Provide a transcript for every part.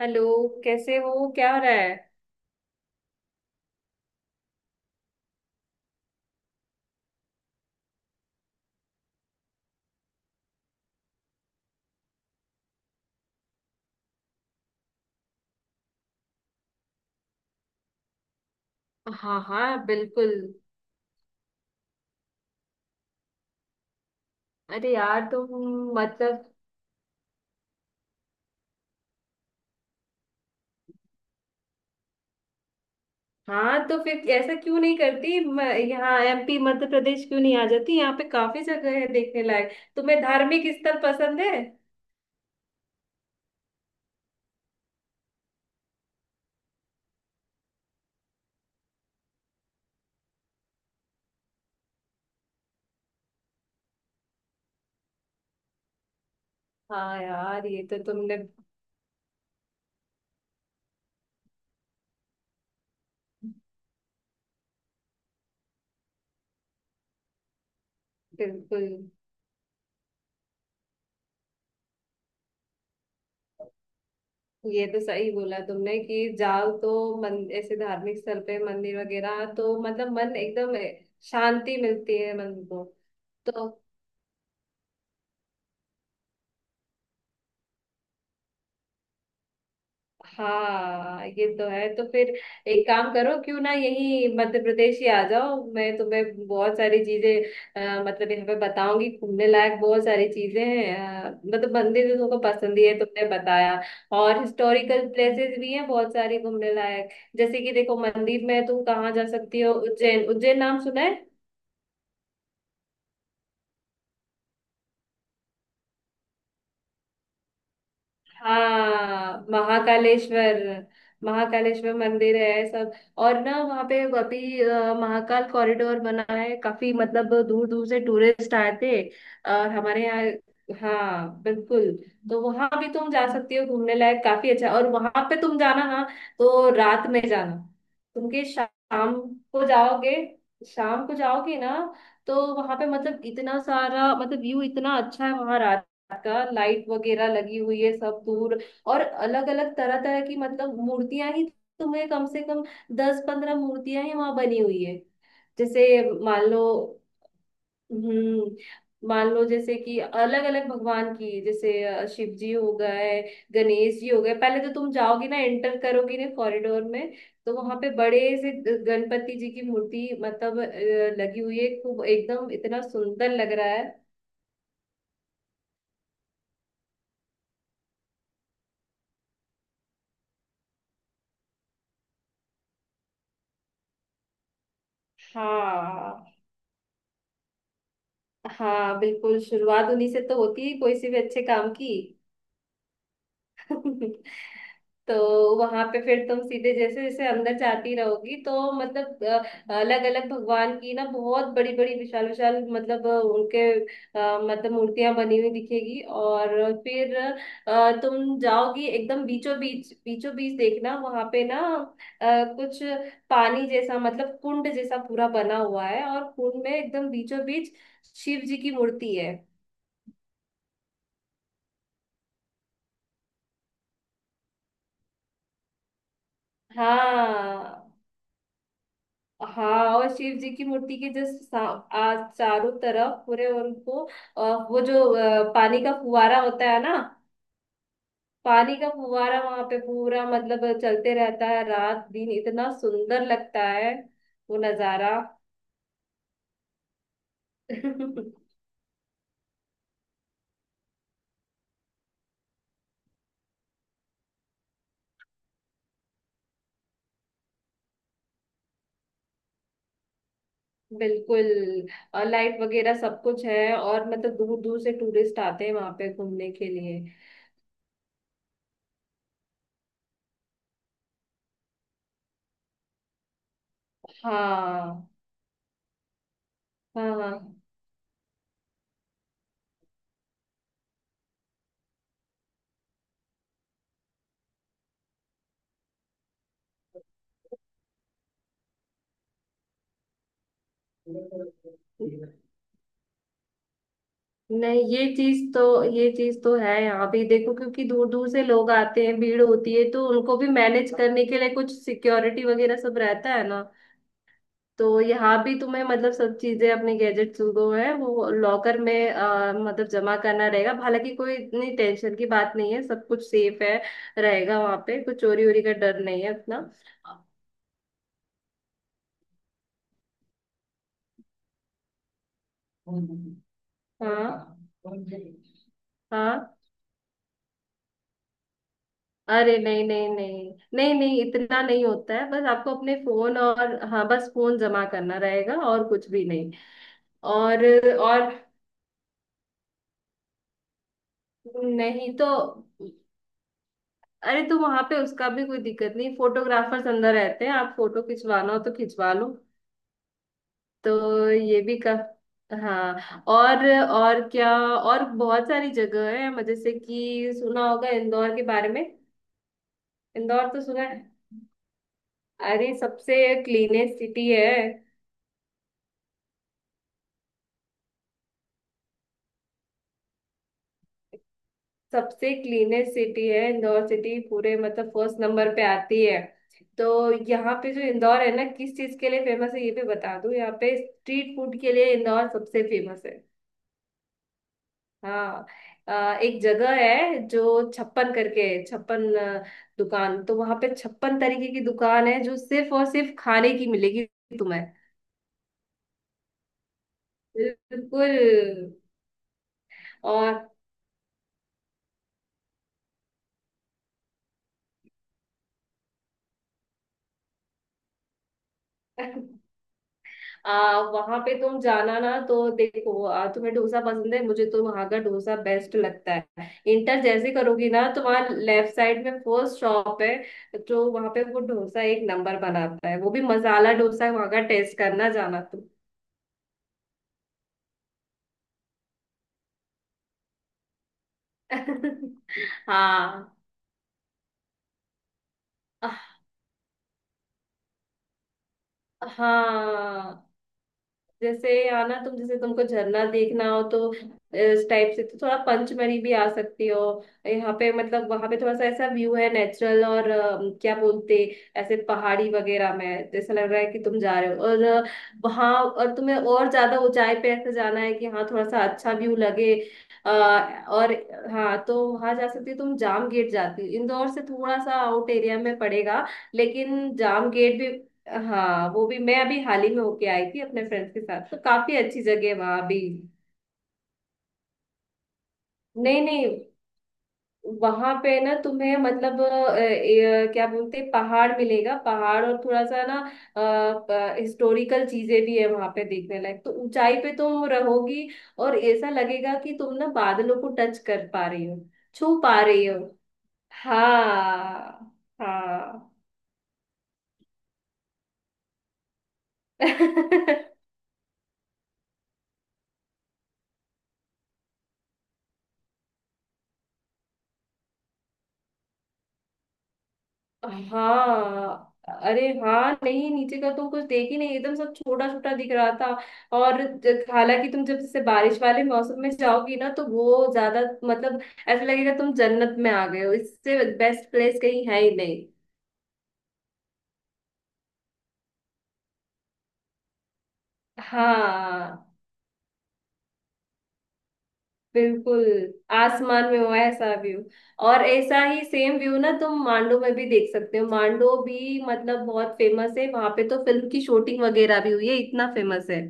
Hello. कैसे हो? क्या हो रहा है? हाँ हाँ, बिल्कुल। अरे यार, तुम मतलब, हाँ तो फिर ऐसा क्यों नहीं करती यहाँ एमपी मध्य प्रदेश क्यों नहीं आ जाती? यहाँ पे काफी जगह है देखने लायक। तुम्हें धार्मिक स्थल पसंद है? हाँ यार, ये तो तुमने, बिल्कुल, ये तो सही बोला तुमने कि जाओ तो मन ऐसे धार्मिक स्थल पे मंदिर वगैरह तो मतलब मन एकदम शांति मिलती है मन को तो। हाँ, ये तो है। तो फिर एक काम करो, क्यों ना यही मध्य प्रदेश ही आ जाओ। मैं तुम्हें बहुत सारी चीजें मतलब यहाँ पे बताऊंगी, घूमने लायक बहुत सारी चीजें हैं। मतलब मंदिर तो तुमको पसंद ही है, तुमने बताया। और हिस्टोरिकल प्लेसेस भी हैं बहुत सारी घूमने लायक। जैसे कि देखो, मंदिर में तुम कहाँ जा सकती हो, उज्जैन। उज्जैन नाम सुना है? हाँ, महाकालेश्वर। महाकालेश्वर मंदिर है सब। और ना वहाँ पे अभी महाकाल कॉरिडोर बना है काफी, मतलब दूर दूर से टूरिस्ट आते हैं। और हमारे यहाँ हाँ बिल्कुल, तो वहां भी तुम जा सकती हो घूमने लायक, काफी अच्छा। और वहां पे तुम जाना ना तो रात में जाना। तुम के शाम को जाओगे, शाम को जाओगे ना, तो वहां पे मतलब इतना सारा, मतलब व्यू इतना अच्छा है वहां का। लाइट वगैरह लगी हुई है सब दूर। और अलग अलग तरह तरह की मतलब मूर्तियां ही, तुम्हें कम से कम 10-15 मूर्तियां ही वहां बनी हुई है। जैसे मान लो, हम्म, मान लो जैसे कि अलग अलग भगवान की, जैसे शिव जी हो गए, गणेश जी हो गए। पहले तो तुम जाओगी ना, एंटर करोगी ना कॉरिडोर में, तो वहां पे बड़े से गणपति जी की मूर्ति मतलब लगी हुई है खूब, एकदम इतना सुंदर लग रहा है। हाँ हाँ, बिल्कुल, शुरुआत उन्हीं से तो होती है कोई से भी अच्छे काम की। तो वहां पे फिर तुम सीधे जैसे जैसे अंदर जाती रहोगी तो मतलब अलग अलग भगवान की ना बहुत बड़ी बड़ी विशाल विशाल मतलब उनके मतलब मूर्तियां बनी हुई दिखेगी। और फिर तुम जाओगी एकदम बीचों बीच, बीचों बीच देखना वहां पे ना कुछ पानी जैसा मतलब कुंड जैसा पूरा बना हुआ है, और कुंड में एकदम बीचों बीच शिव जी की मूर्ति है। हाँ हाँ, और शिव जी की मूर्ति के जस्ट आ चारों तरफ पूरे उनको, अ, वो जो पानी का फुवारा होता है ना, पानी का फुवारा वहां पे पूरा मतलब चलते रहता है रात दिन, इतना सुंदर लगता है वो नजारा। बिल्कुल, और लाइट वगैरह सब कुछ है, और मतलब दूर दूर से टूरिस्ट आते हैं वहां पे घूमने के लिए। हाँ हाँ हाँ। नहीं, ये चीज तो, ये चीज तो है यहाँ भी देखो, क्योंकि दूर दूर से लोग आते हैं, भीड़ होती है, तो उनको भी मैनेज करने के लिए कुछ सिक्योरिटी वगैरह सब रहता है ना। तो यहाँ भी तुम्हें मतलब सब चीजें, अपने गैजेट्स जो है वो लॉकर में मतलब जमा करना रहेगा। हालांकि कोई इतनी टेंशन की बात नहीं है, सब कुछ सेफ है रहेगा वहाँ पे, कुछ चोरी वोरी का डर नहीं है अपना। हाँ हाँ, अरे नहीं नहीं नहीं नहीं नहीं, इतना नहीं होता है, बस आपको अपने फोन, और हाँ, बस फोन जमा करना रहेगा और कुछ भी नहीं। और और नहीं तो, अरे तो वहां पे उसका भी कोई दिक्कत नहीं, फोटोग्राफर्स अंदर रहते हैं, आप फोटो खिंचवाना हो तो खिंचवा लो। तो ये भी का, हाँ और, और क्या? और बहुत सारी जगह है। जैसे कि सुना होगा इंदौर के बारे में, इंदौर तो सुना है। अरे, सबसे क्लीनेस्ट सिटी है, सबसे क्लीनेस्ट सिटी है इंदौर सिटी, पूरे मतलब फर्स्ट नंबर पे आती है। तो यहाँ पे जो इंदौर है ना, किस चीज के लिए फेमस है ये भी बता दूं, यहाँ पे स्ट्रीट फूड के लिए इंदौर सबसे फेमस है। हाँ, एक जगह है जो 56 करके है, 56 दुकान, तो वहां पे 56 तरीके की दुकान है जो सिर्फ और सिर्फ खाने की मिलेगी तुम्हें, बिल्कुल। और वहां पे तुम जाना ना, तो देखो तुम्हें डोसा पसंद है? मुझे तो वहां का डोसा बेस्ट लगता है। इंटर जैसे करोगी ना तो वहाँ लेफ्ट साइड में फर्स्ट शॉप है जो, वहां पे वो डोसा एक नंबर बनाता है, वो भी मसाला डोसा है वहां का, टेस्ट करना जाना तुम। हाँ हाँ, जैसे आना तुम, जैसे तुमको झरना देखना हो तो इस टाइप से तो थोड़ा पंचमढ़ी भी आ सकती हो। यहाँ पे मतलब वहां पे थोड़ा सा ऐसा व्यू है नेचुरल, और क्या बोलते, ऐसे पहाड़ी वगैरह में जैसा लग रहा है कि तुम जा रहे हो, और वहाँ, और तुम्हें और ज्यादा ऊंचाई पे ऐसे जाना है कि हाँ थोड़ा सा अच्छा व्यू लगे। अ, और हाँ, तो वहां जा सकती हो तुम जाम गेट, जाती हो इंदौर से थोड़ा सा आउट एरिया में पड़ेगा लेकिन जाम गेट भी, हाँ, वो भी मैं अभी हाल ही में होके आई थी अपने फ्रेंड्स के साथ, तो काफी अच्छी जगह है वहां भी। नहीं नहीं, वहां पे ना तुम्हें मतलब क्या बोलते हैं, पहाड़ मिलेगा, पहाड़ और थोड़ा सा ना हिस्टोरिकल चीजें भी है वहां पे देखने लायक। तो ऊंचाई पे तुम रहोगी, और ऐसा लगेगा कि तुम ना बादलों को टच कर पा रही हो, छू पा रही हो। हाँ हाँ। हाँ, अरे हाँ, नहीं नीचे का तो कुछ देख ही नहीं, एकदम सब छोटा छोटा दिख रहा था। और हालांकि तुम जब जैसे बारिश वाले मौसम में जाओगी ना तो वो ज्यादा मतलब ऐसा लगेगा तुम जन्नत में आ गए हो, इससे बेस्ट प्लेस कहीं है ही नहीं। हाँ बिल्कुल, आसमान में हुआ है ऐसा व्यू। और ऐसा ही सेम व्यू ना तुम मांडो में भी देख सकते हो। मांडो भी मतलब बहुत फेमस है, वहां पे तो फिल्म की शूटिंग वगैरह भी हुई है, इतना फेमस है।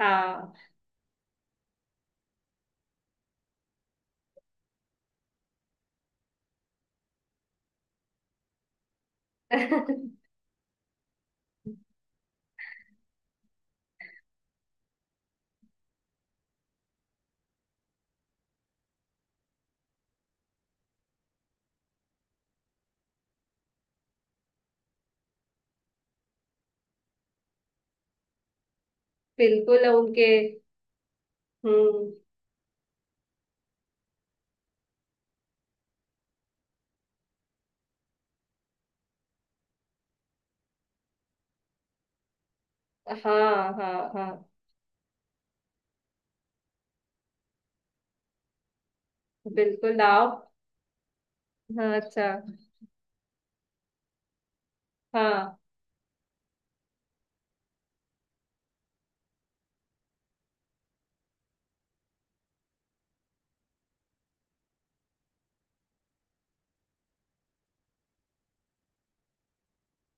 हाँ। बिल्कुल उनके, हम्म, हाँ हाँ हाँ, बिल्कुल आओ। हाँ अच्छा, हाँ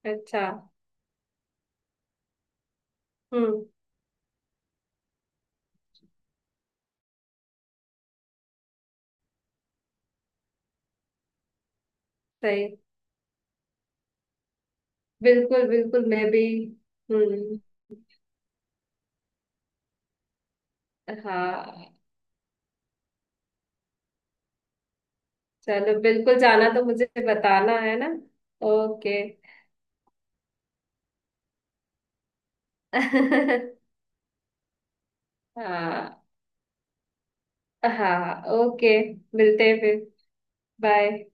अच्छा, हम्म, सही, बिल्कुल बिल्कुल, मैं भी, हम्म, हाँ, चलो बिल्कुल, जाना तो मुझे बताना है ना। ओके। हाँ हाँ, ओके, मिलते हैं फिर। बाय।